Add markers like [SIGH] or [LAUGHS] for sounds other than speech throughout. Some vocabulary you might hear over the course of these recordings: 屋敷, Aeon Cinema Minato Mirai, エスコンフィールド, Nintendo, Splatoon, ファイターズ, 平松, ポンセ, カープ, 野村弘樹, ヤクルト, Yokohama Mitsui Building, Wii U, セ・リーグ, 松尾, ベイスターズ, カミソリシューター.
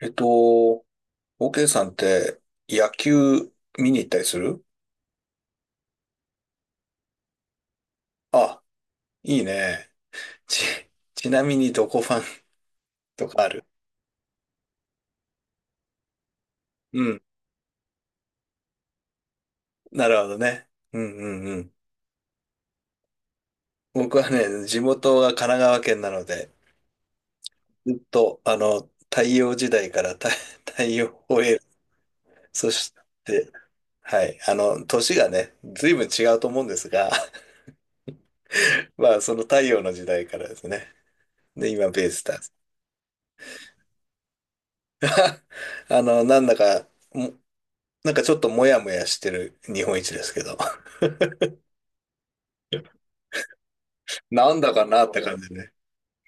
えっと、OK さんって野球見に行ったりする？あ、いいね。ち、[LAUGHS] ちなみにどこファンとかある？うん。なるほどね。うんうんうん。僕はね、地元が神奈川県なので、ずっと、太陽時代から太、[LAUGHS] 太陽を得る。そして、はい、年がね、随分違うと思うんですが、[LAUGHS] まあ、その太陽の時代からですね。で、今、ベイスターズ。[LAUGHS] なんだか、もなんかちょっともやもやしてる日本一ですけど。[LAUGHS] なんだかなって感じでね。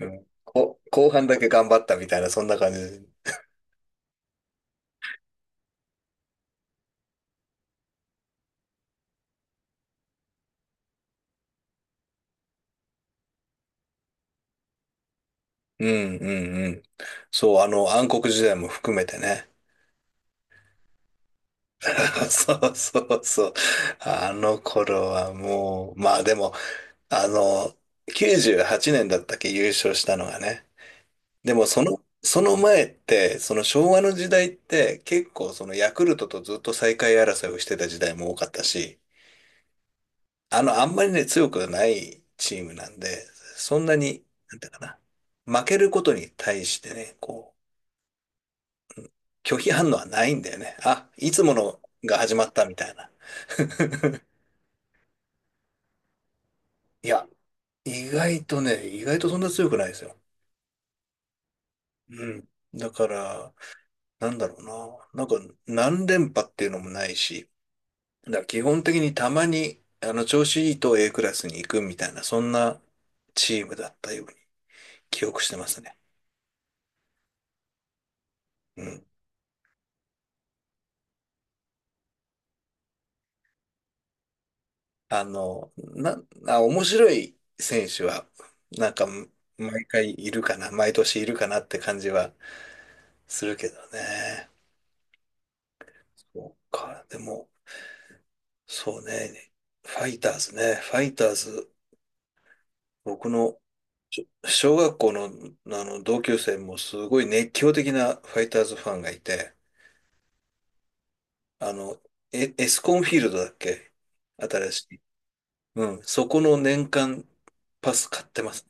うん。後半だけ頑張ったみたいな、そんな感じで。うんうんうん。そう、暗黒時代も含めてね。[LAUGHS] そうそうそう。あの頃はもう、まあでも、あの、98年だったっけ優勝したのがね。でもその、その前って、その昭和の時代って結構そのヤクルトとずっと最下位争いをしてた時代も多かったし、あんまりね、強くないチームなんで、そんなに、なんていうかな、負けることに対してね、こう、拒否反応はないんだよね。あ、いつものが始まったみたいな。[LAUGHS] いや、意外とね、意外とそんな強くないですよ。うん。だから、なんだろうな。なんか、何連覇っていうのもないし、だから基本的にたまに、調子いいと A クラスに行くみたいな、そんなチームだったように記憶してますね。うん。あの、な、あ、面白い選手は、なんか、毎回いるかな、毎年いるかなって感じはするけどね。そうか、でも、そうね、ファイターズね、ファイターズ、僕の小学校の、あの同級生もすごい熱狂的なファイターズファンがいて、あの、エスコンフィールドだっけ？新しい。うん、そこの年間パス買ってます。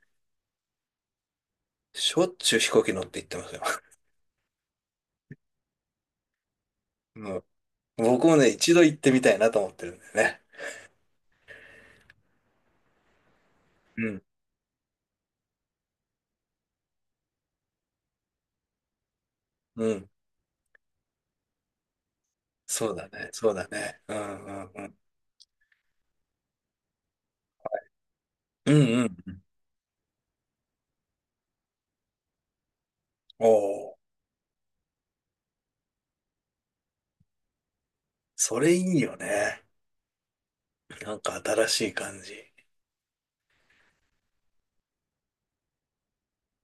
しょっちゅう飛行機乗って行ってますよ。[LAUGHS] 僕もね、一度行ってみたいなと思ってるんだよね。うん。うん。そうだね。そうだね。うんうんうん。うんうん。おお、それいいよね。なんか新しい感じ。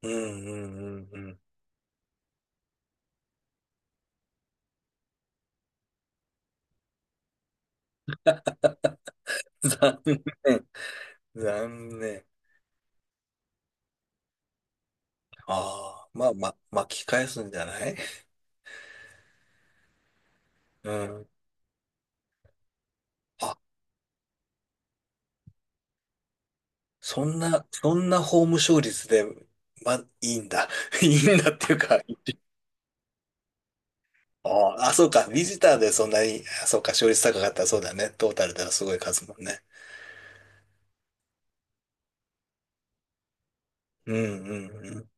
うんうんうんうん。残念。残念。ああ、まあまあ、巻き返すんじゃない？うん。あ、そんな法務勝率で、ま、いいんだ。[LAUGHS] いいんだっていうか、ああ、あそうか。ビジターでそんなに、あそうか、勝率高かったらそうだね。トータルではすごい数もんね。うんうんうん。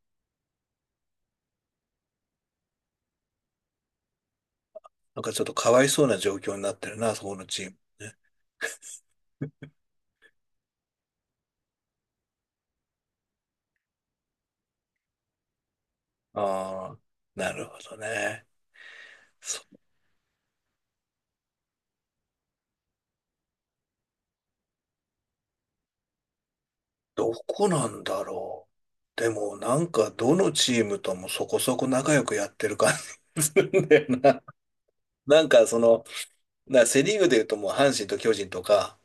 なんかちょっとかわいそうな状況になってるな、そこのチームね。ああ、なるほどね。そどこなんだろう。でもなんかどのチームともそこそこ仲良くやってる感じするんだよな。[LAUGHS] なんかその、セリーグで言うともう阪神と巨人とか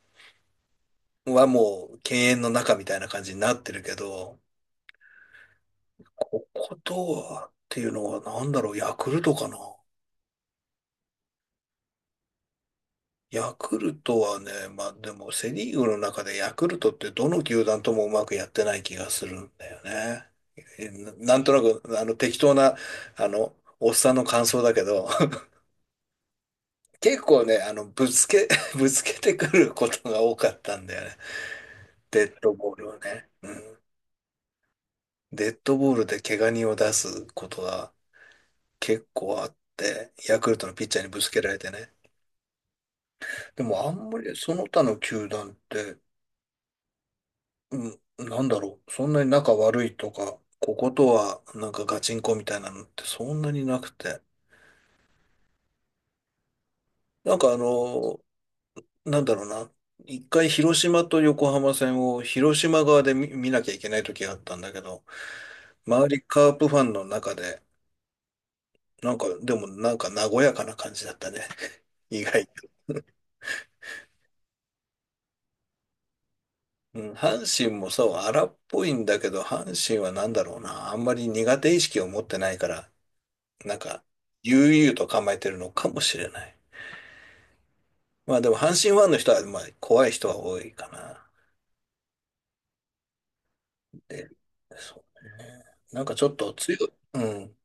はもう敬遠の中みたいな感じになってるけど、こことはっていうのはなんだろう、ヤクルトかな。ヤクルトはね、まあでもセ・リーグの中でヤクルトってどの球団ともうまくやってない気がするんだよね。なんとなくあの適当なあのおっさんの感想だけど [LAUGHS] 結構ねぶつけ [LAUGHS] ぶつけてくることが多かったんだよね。デッドボールをね。うん、デッドボールで怪我人を出すことが結構あってヤクルトのピッチャーにぶつけられてね。でもあんまりその他の球団って、うん、なんだろう。そんなに仲悪いとか、こことはなんかガチンコみたいなのってそんなになくて。なんかあの、なんだろうな。一回広島と横浜戦を広島側で見なきゃいけない時があったんだけど、周りカープファンの中で、なんか、でもなんか和やかな感じだったね。[LAUGHS] 意外と。うん、阪神もそう、荒っぽいんだけど、阪神はなんだろうな。あんまり苦手意識を持ってないから、なんか、悠々と構えてるのかもしれない。まあでも阪神ファンの人は、まあ怖い人は多いかな。で、そうね。なんかちょっと強い、うん。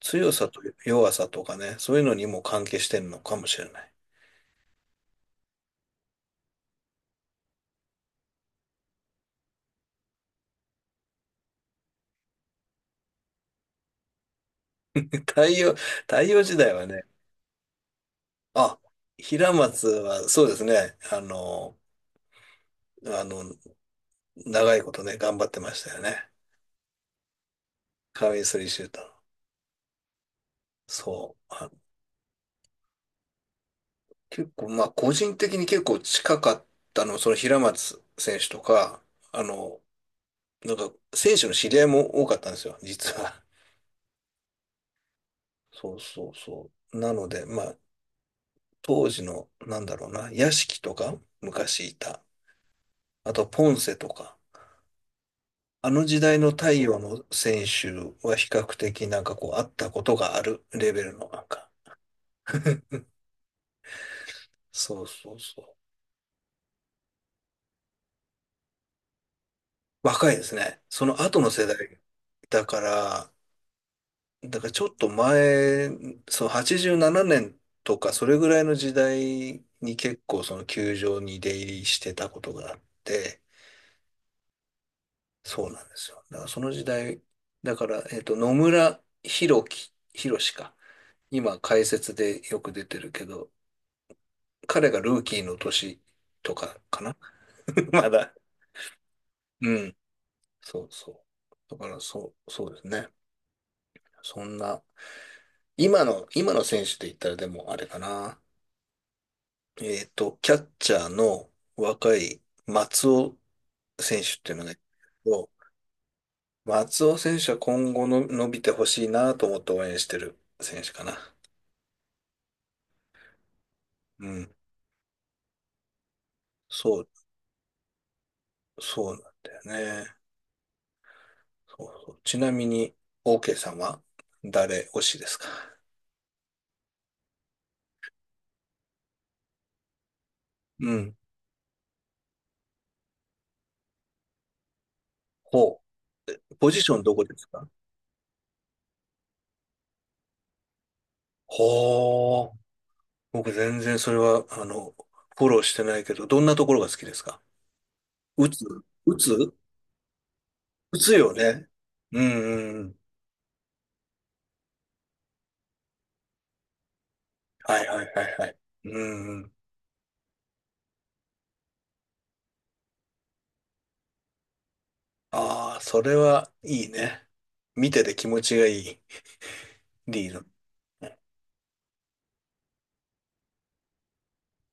強さと弱さとかね、そういうのにも関係してるのかもしれない。[LAUGHS] 太陽、太陽時代はね、あ、平松はそうですね、あの、長いことね、頑張ってましたよね。カミソリシューターの。そう。あ、結構、まあ個人的に結構近かったの、その平松選手とか、あの、なんか、選手の知り合いも多かったんですよ、実は。そうそうそう。なので、まあ、当時の、なんだろうな、屋敷とか、昔いた。あと、ポンセとか。あの時代の太陽の選手は比較的なんかこう、あったことがあるレベルのなんか。そうそうそう。若いですね。その後の世代だから、だからちょっと前、そう、87年とか、それぐらいの時代に結構その球場に出入りしてたことがあって、そうなんですよ。だからその時代、だから、野村弘樹、弘志か。今、解説でよく出てるけど、彼がルーキーの年とかかな [LAUGHS] まだ。うん。そうそう。だから、そう、そうですね。そんな、今の選手で言ったらでもあれかな。キャッチャーの若い松尾選手っていうのがいるんですけど、松尾選手は今後の伸びてほしいなと思って応援してる選手かな。うん。そう、そうなんだよね。そうそう。ちなみに、OK さんは誰推しですか？うん。ほう。ポジションどこですか？ほう。僕全然それは、フォローしてないけど、どんなところが好きですか？打つ？打つ？打つよね。うんうんうん。はいはいはいはい。うん。ああ、それはいいね。見てて気持ちがいいリード。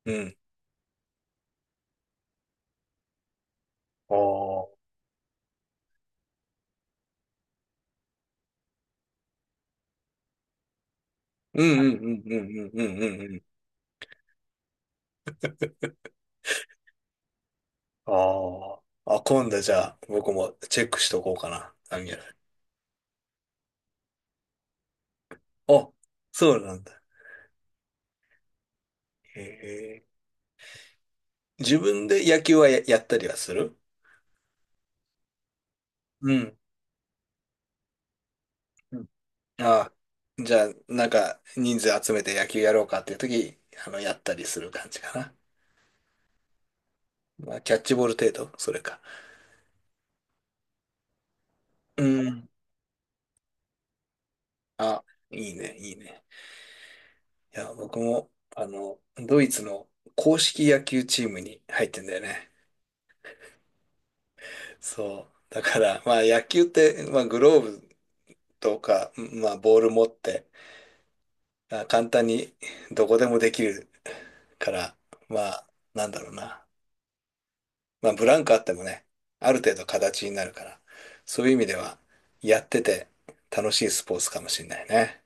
うん。ああ。うんうんうんうんうんうんうんうん。ああ。あ、今度じゃあ僕もチェックしとこうかな。あ、そうなんだ。へえ。自分で野球はやったりはする？うん。うん。ああ。じゃあ、なんか人数集めて野球やろうかっていう時、やったりする感じかな。まあ、キャッチボール程度、それか。うん。あ、いいね、いいね。いや、僕も、ドイツの公式野球チームに入ってんだよね。そう。だから、まあ野球って、まあグローブとか、まあボール持って、あ簡単にどこでもできるから、まあ、なんだろうな。まあブランクあってもね、ある程度形になるから、そういう意味では、やってて楽しいスポーツかもしれないね。